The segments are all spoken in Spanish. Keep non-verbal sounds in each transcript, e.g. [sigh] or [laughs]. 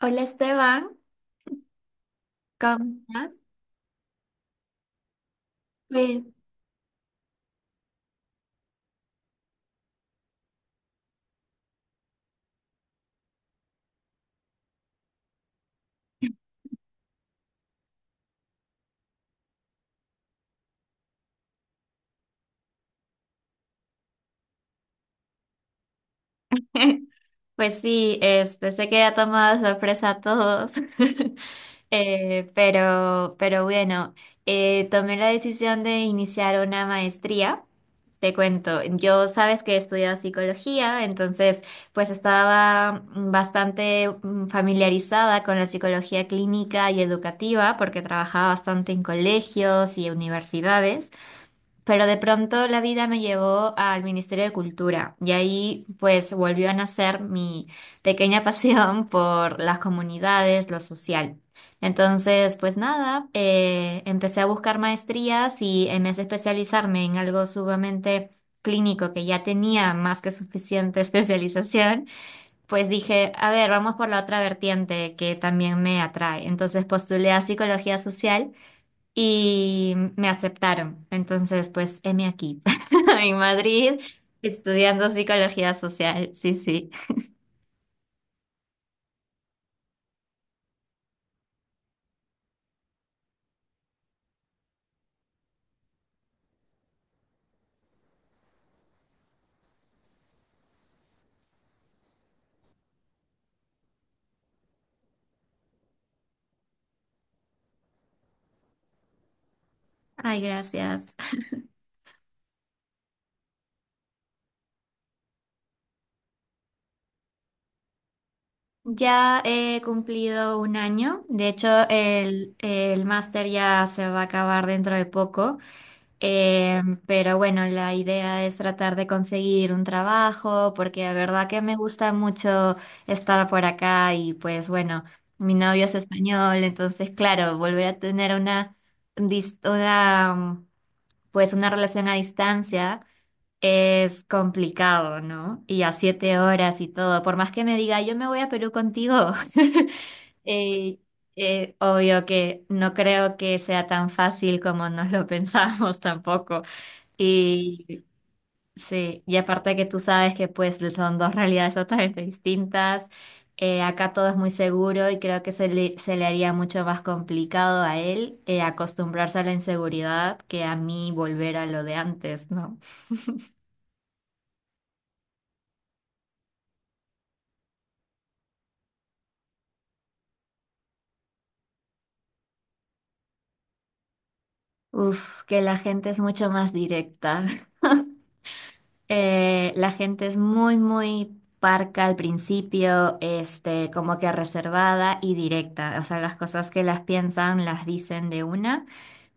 Hola Esteban, ¿cómo estás? Pues, pues sí, este, sé que ha tomado de sorpresa a todos, [laughs] pero bueno, tomé la decisión de iniciar una maestría. Te cuento, yo sabes que he estudiado psicología, entonces pues estaba bastante familiarizada con la psicología clínica y educativa porque trabajaba bastante en colegios y universidades. Pero de pronto la vida me llevó al Ministerio de Cultura y ahí pues volvió a nacer mi pequeña [laughs] pasión por las comunidades, lo social. Entonces, pues nada, empecé a buscar maestrías y en vez de especializarme en algo sumamente clínico que ya tenía más que suficiente [laughs] especialización, pues dije, a ver, vamos por la otra vertiente que también me atrae. Entonces postulé a psicología social y me aceptaron. Entonces, pues, heme aquí, [laughs] en Madrid, estudiando psicología social. Sí, sí. Ay, gracias. Ya he cumplido un año. De hecho, el máster ya se va a acabar dentro de poco. Pero bueno, la idea es tratar de conseguir un trabajo, porque de verdad que me gusta mucho estar por acá y pues bueno, mi novio es español, entonces claro, volver a tener una, dis- una, mm, pues una relación a distancia es complicado, ¿no? Y a 7 horas y todo, por más que me diga, yo me voy a Perú contigo. [laughs] eh, obvio que no creo que sea tan fácil como nos lo [laughs] pensamos tampoco. Y sí, y aparte que tú sabes que pues son dos realidades totalmente distintas, acá todo es muy seguro y creo que se le haría mucho más complicado a él acostumbrarse a la inseguridad que a mí volver a lo de antes, ¿no? Uf, que la gente es mucho más directa. [laughs] La gente es muy, muy parca al principio, este, como que reservada y directa. O sea, las cosas que las piensan las dicen de una.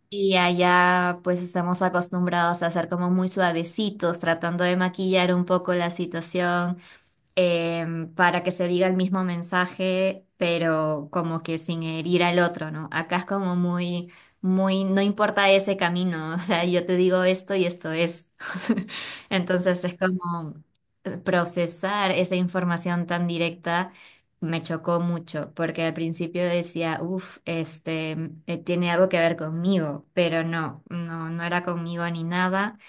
Y allá pues estamos acostumbrados a ser como muy suavecitos, tratando de maquillar un poco la situación eh, para que se diga el mismo mensaje, pero como que sin herir al otro, ¿no? Acá es como muy, muy, no importa ese camino, [laughs] o sea, yo te digo esto y esto es. [laughs] Entonces es como procesar esa información tan directa. Me chocó mucho porque al principio decía, uff, tiene algo que ver conmigo, pero no, no, no era conmigo ni nada.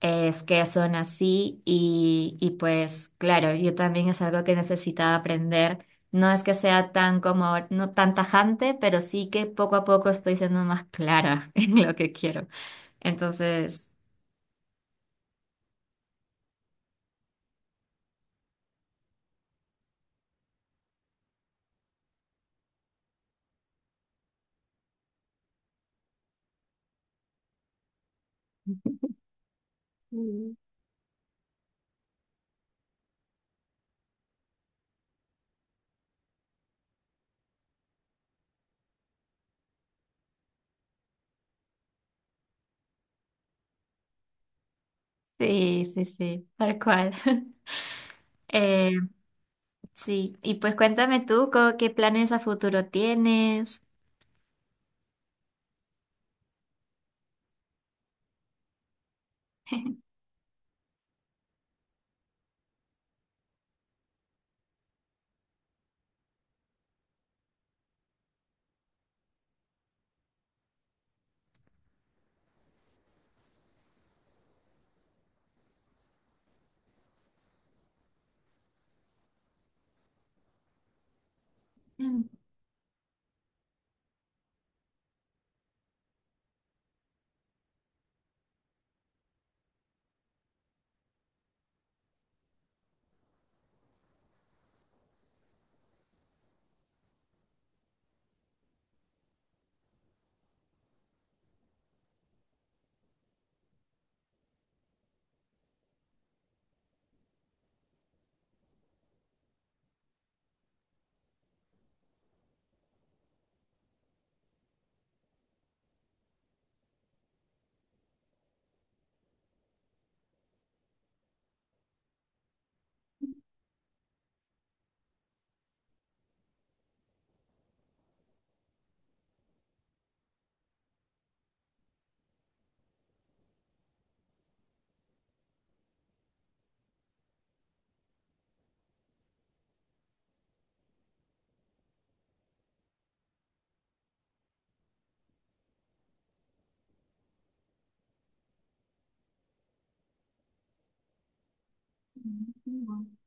Es que son así y pues claro, yo también es algo que necesitaba aprender. No es que sea tan como, no tan tajante, pero sí que poco a poco estoy siendo más clara [laughs] en lo que quiero. Entonces, mm. Sí, sí, sí, tal cual. [laughs] Eh, sí, y pues cuéntame tú, ¿qué planes a futuro tienes? Mm, mm.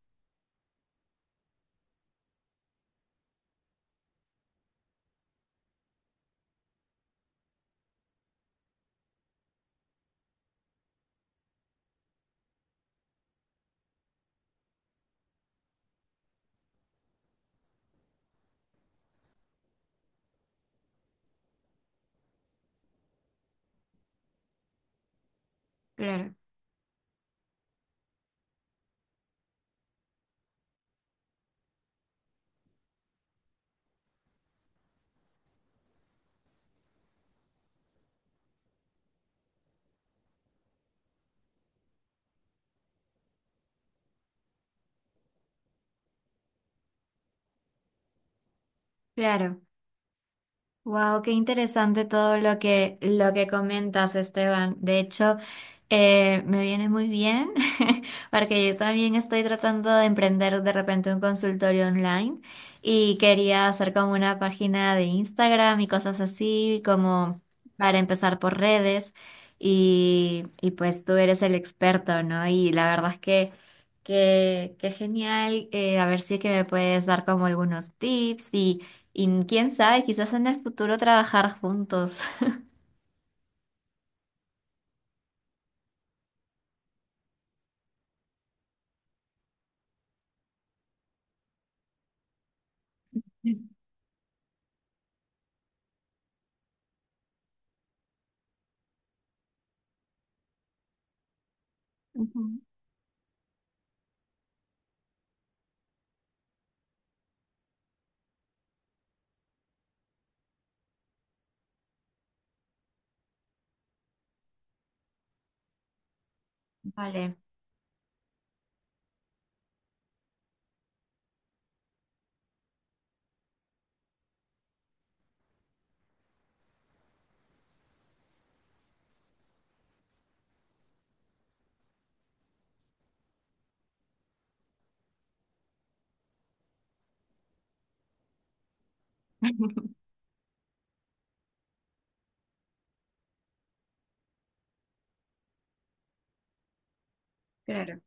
Claro, claro. Wow, qué interesante todo lo que comentas, Esteban. De hecho, me viene muy bien [laughs] porque yo también estoy tratando de emprender de repente un consultorio online y quería hacer como una página de Instagram y cosas así, como para empezar por redes. Y pues tú eres el experto, ¿no? Y la verdad es que genial. A ver si es que me puedes dar como algunos tips y quién sabe, quizás en el futuro trabajar juntos. [laughs] Ujú. Vale. [laughs] Claro.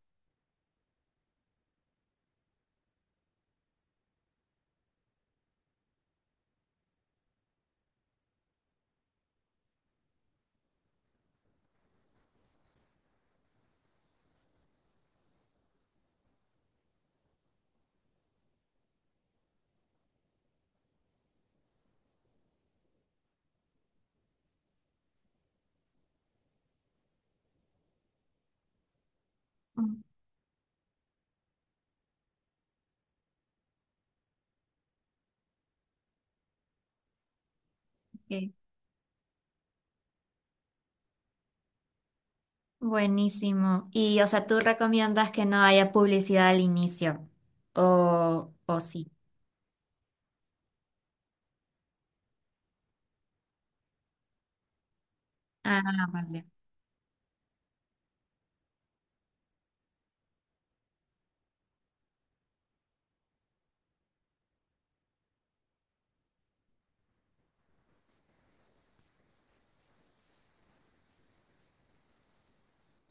Ok. Buenísimo. Y, o sea, ¿tú recomiendas que no haya publicidad al inicio? ¿O sí? Ah, vale.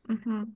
Ujú.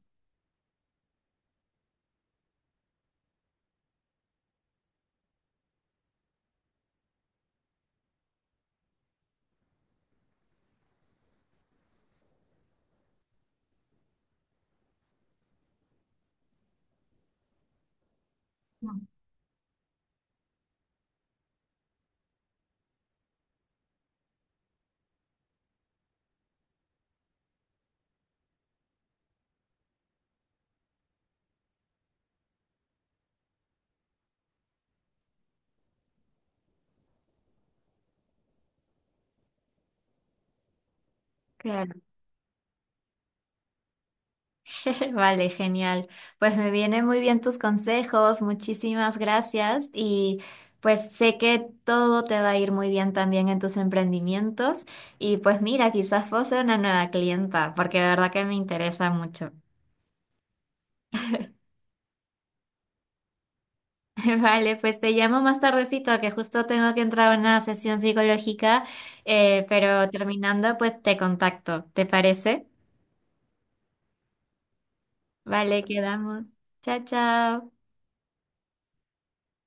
Claro. [laughs] Vale, genial. Pues me vienen muy bien tus consejos, muchísimas gracias y pues sé que todo te va a ir muy bien también en tus emprendimientos y pues mira, quizás vos seas una nueva clienta porque de verdad que me interesa mucho. [laughs] Vale, pues te llamo más tardecito que justo tengo que entrar a una sesión psicológica, pero terminando pues te contacto, ¿te parece? Vale, quedamos. Chao, chao.